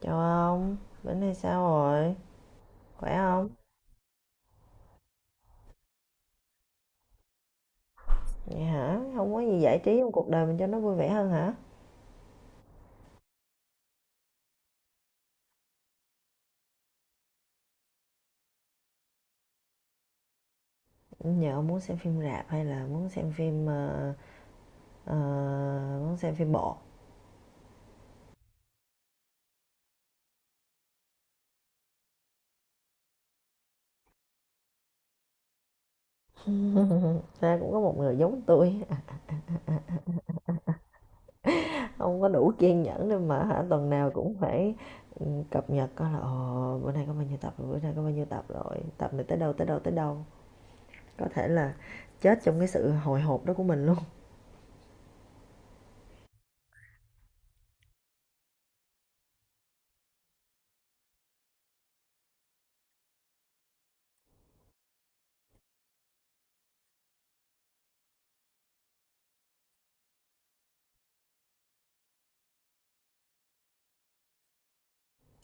Chào ông, bữa nay sao rồi? Khỏe không? Vậy hả? Không có gì giải trí trong cuộc đời mình cho nó vui vẻ hơn hả? Nhờ ông muốn xem phim rạp hay là muốn xem phim ờ, muốn xem phim bộ? Ra cũng có một người giống tôi, không có đủ kiên nhẫn để mà hả tuần nào cũng phải cập nhật coi là ồ bữa nay có bao nhiêu tập rồi, bữa nay có bao nhiêu tập rồi, tập này tới đâu tới đâu tới đâu. Có thể là chết trong cái sự hồi hộp đó của mình luôn.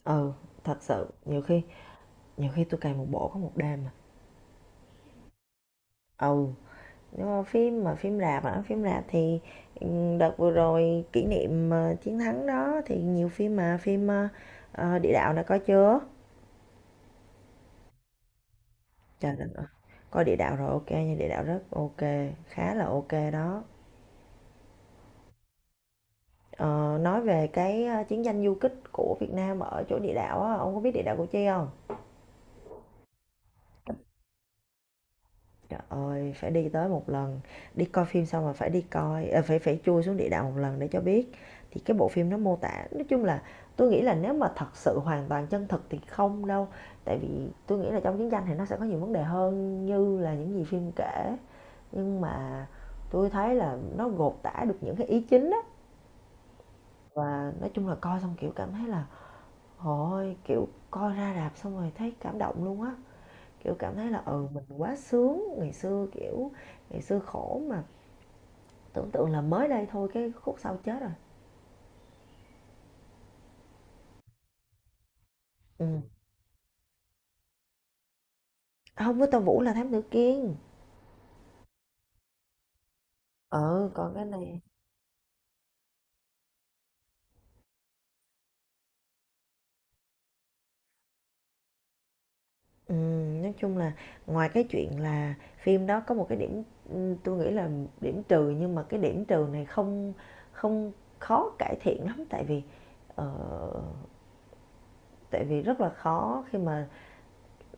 Ừ, thật sự nhiều khi tôi cày một bộ có một đêm mà. Ừ. Phim rạp hả? Phim rạp thì ừ, đợt vừa rồi kỷ niệm chiến thắng đó thì nhiều phim mà phim Địa Đạo đã có chưa? Trời đất ơi. Coi Địa Đạo rồi, ok nha, Địa Đạo rất ok, khá là ok đó. Ờ, nói về cái chiến tranh du kích của Việt Nam ở chỗ địa đạo á, ông có biết địa đạo Củ Chi không? Trời ơi, phải đi tới một lần, đi coi phim xong là phải đi coi ờ, phải phải chui xuống địa đạo một lần để cho biết. Thì cái bộ phim nó mô tả, nói chung là tôi nghĩ là nếu mà thật sự hoàn toàn chân thực thì không đâu. Tại vì tôi nghĩ là trong chiến tranh thì nó sẽ có nhiều vấn đề hơn như là những gì phim kể. Nhưng mà tôi thấy là nó gột tả được những cái ý chính á, và nói chung là coi xong kiểu cảm thấy là ôi, kiểu coi ra rạp xong rồi thấy cảm động luôn á, kiểu cảm thấy là ừ, mình quá sướng ngày xưa, kiểu ngày xưa khổ mà tưởng tượng là mới đây thôi, cái khúc sau chết rồi. Ừ. Không, với Tô Vũ là Thám Tử Kiên. Ừ, còn cái này. Ừ, nói chung là ngoài cái chuyện là phim đó có một cái điểm, ừ, tôi nghĩ là điểm trừ, nhưng mà cái điểm trừ này không không khó cải thiện lắm, tại vì ờ, tại vì rất là khó khi mà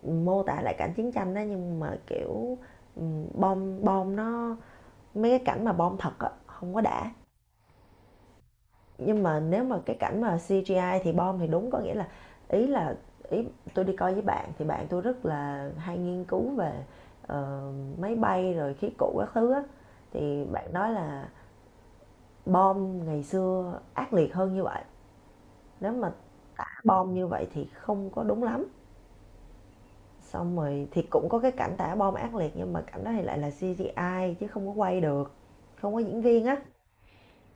mô tả lại cảnh chiến tranh đó, nhưng mà kiểu ừ, bom bom nó, mấy cái cảnh mà bom thật á không có đã. Nhưng mà nếu mà cái cảnh mà CGI thì bom thì đúng, có nghĩa là, ý là ý tôi đi coi với bạn thì bạn tôi rất là hay nghiên cứu về ờ, máy bay rồi khí cụ các thứ á, thì bạn nói là bom ngày xưa ác liệt hơn như vậy, nếu mà tả bom như vậy thì không có đúng lắm. Xong rồi thì cũng có cái cảnh tả bom ác liệt, nhưng mà cảnh đó thì lại là CGI chứ không có quay được, không có diễn viên á,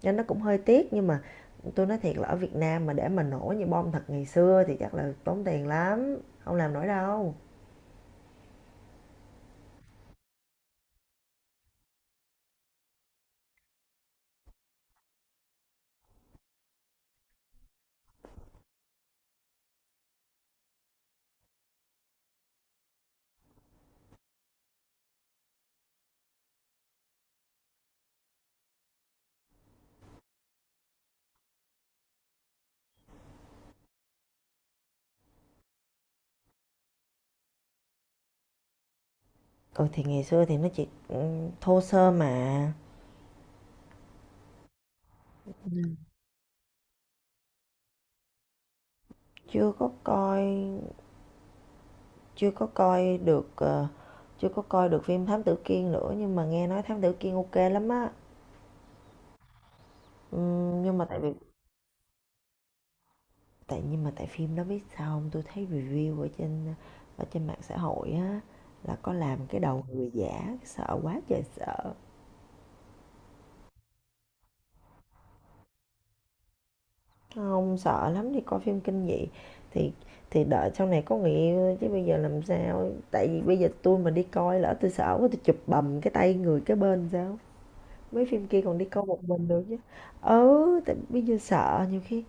nên nó cũng hơi tiếc. Nhưng mà tôi nói thiệt là ở Việt Nam mà để mà nổ như bom thật ngày xưa thì chắc là tốn tiền lắm, không làm nổi đâu. Ừ thì ngày xưa thì nó chỉ thô sơ mà. Chưa có coi chưa có coi được ờ, Chưa có coi được phim Thám Tử Kiên nữa, nhưng mà nghe nói Thám Tử Kiên ok lắm á. Ừm, nhưng mà tại vì nhưng mà tại phim đó biết sao không, tôi thấy review ở trên mạng xã hội á, là có làm cái đầu người giả sợ quá trời sợ. Hông, sợ lắm, đi coi phim kinh dị thì đợi sau này có người yêu chứ bây giờ làm sao. Tại vì bây giờ tôi mà đi coi, lỡ tôi sợ quá, tui chụp bầm cái tay người cái bên sao? Mấy phim kia còn đi coi một mình được chứ. Ừ, tại bây giờ sợ nhiều khi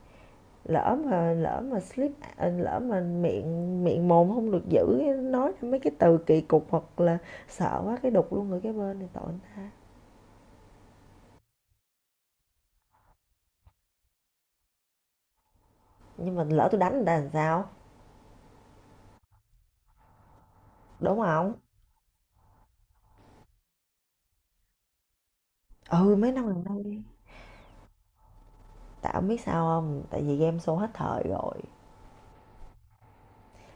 lỡ mà slip, à, lỡ mà miệng miệng mồm không được giữ, nói mấy cái từ kỳ cục hoặc là sợ quá cái đục luôn người cái bên thì tội người ta. Nhưng mà lỡ tôi đánh người ta làm sao, đúng không? Ừ, mấy năm gần đây đi. Tại ông biết sao không, tại vì game show hết thời rồi,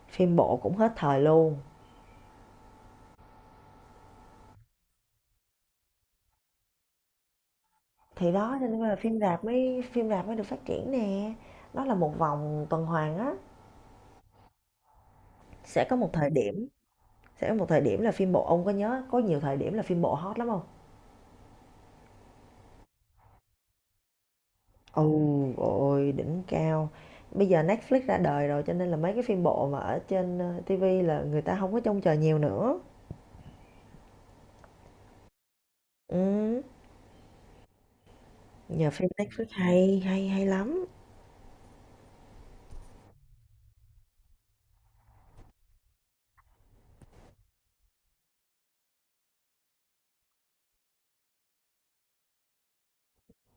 phim bộ cũng hết thời luôn, thì đó cho nên là phim rạp mới được phát triển nè. Nó là một vòng tuần hoàn á. sẽ có một thời điểm sẽ có một thời điểm là phim bộ, ông có nhớ có nhiều thời điểm là phim bộ hot lắm không? Ôi ôi, đỉnh cao. Bây giờ Netflix ra đời rồi cho nên là mấy cái phim bộ mà ở trên TV là người ta không có trông chờ nhiều nữa. Ừ. Nhờ phim Netflix hay hay hay lắm.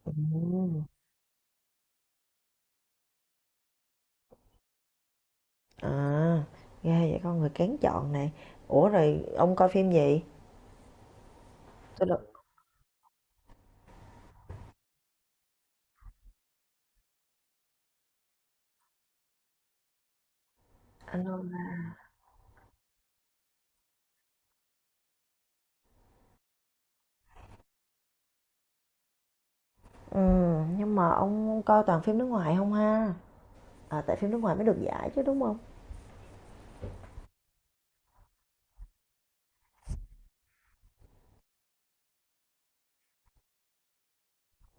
Ừ. À, ghê vậy con người kén chọn nè. Ủa rồi ông coi phim gì? Tôi được anh Hưng. Ừ, nhưng mà ông coi toàn phim nước ngoài không ha? À, tại phim nước ngoài mới được giải chứ đúng không?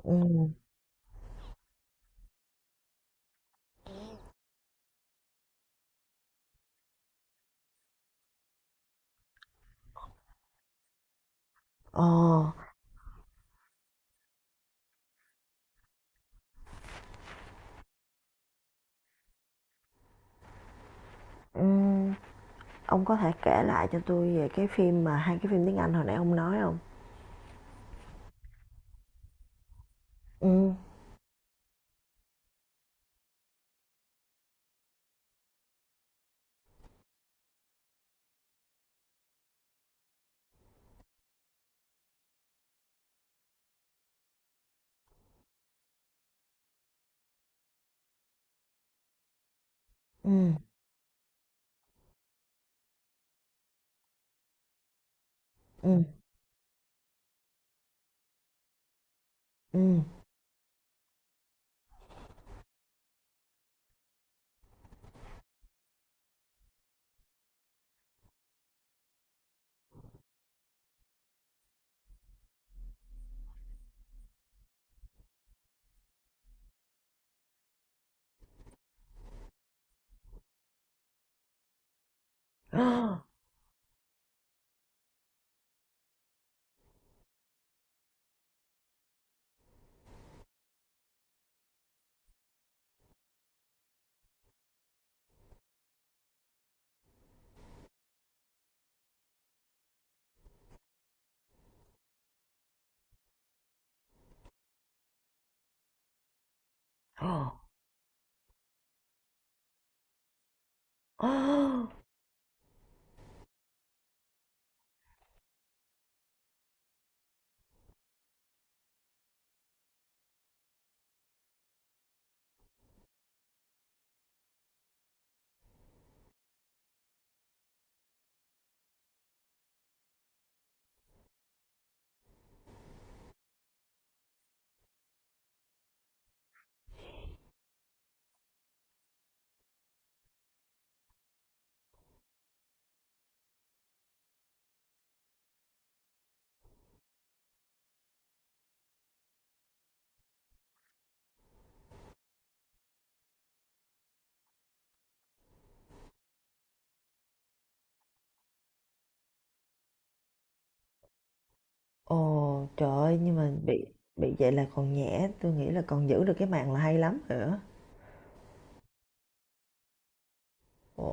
Ừ. Ờ, ừm, ông có thể kể lại cho tôi về cái phim mà hai cái phim tiếng Anh hồi nãy ông nói không? Ừ, ừ, ừ, ừ. Ồ, trời ơi, nhưng mà bị vậy là còn nhẹ, tôi nghĩ là còn giữ được cái mạng là hay lắm rồi á. Ồ.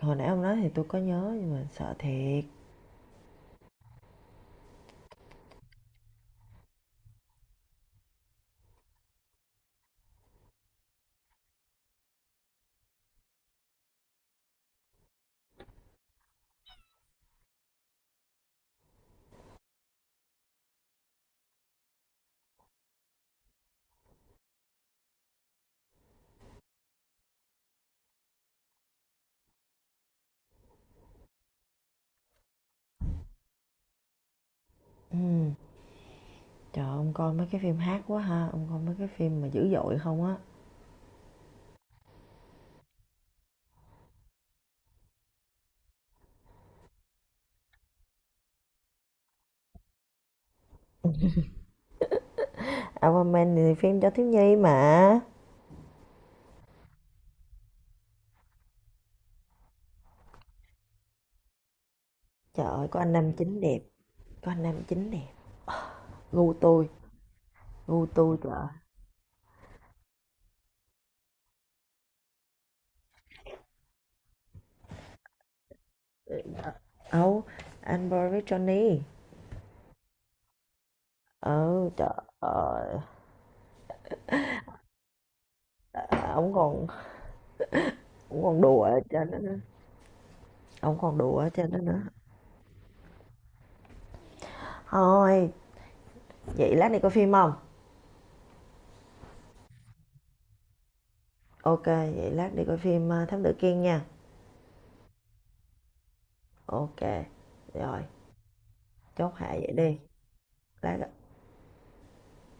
Hồi nãy ông nói thì tôi có nhớ nhưng mà sợ thiệt. ừm Trời ơi, ông coi mấy cái phim hát quá ha, ông coi mấy cái phim mà dữ dội không á. Aquaman thì phim cho thiếu nhi mà. Trời ơi, có anh nam chính đẹp. Có anh nam chính đẹp. Gu tôi, gu tôi. Trời ơi. Ấu, anh Boris Johnny. Ừ, trời ơi. À, ông còn đùa ở trên đó nữa. Ông còn đùa ở trên đó nữa. Thôi, vậy lát đi coi phim không? Ok, vậy lát đi coi phim Thám Tử Kiên nha. Ok. Rồi. Chốt hạ vậy đi. Lát.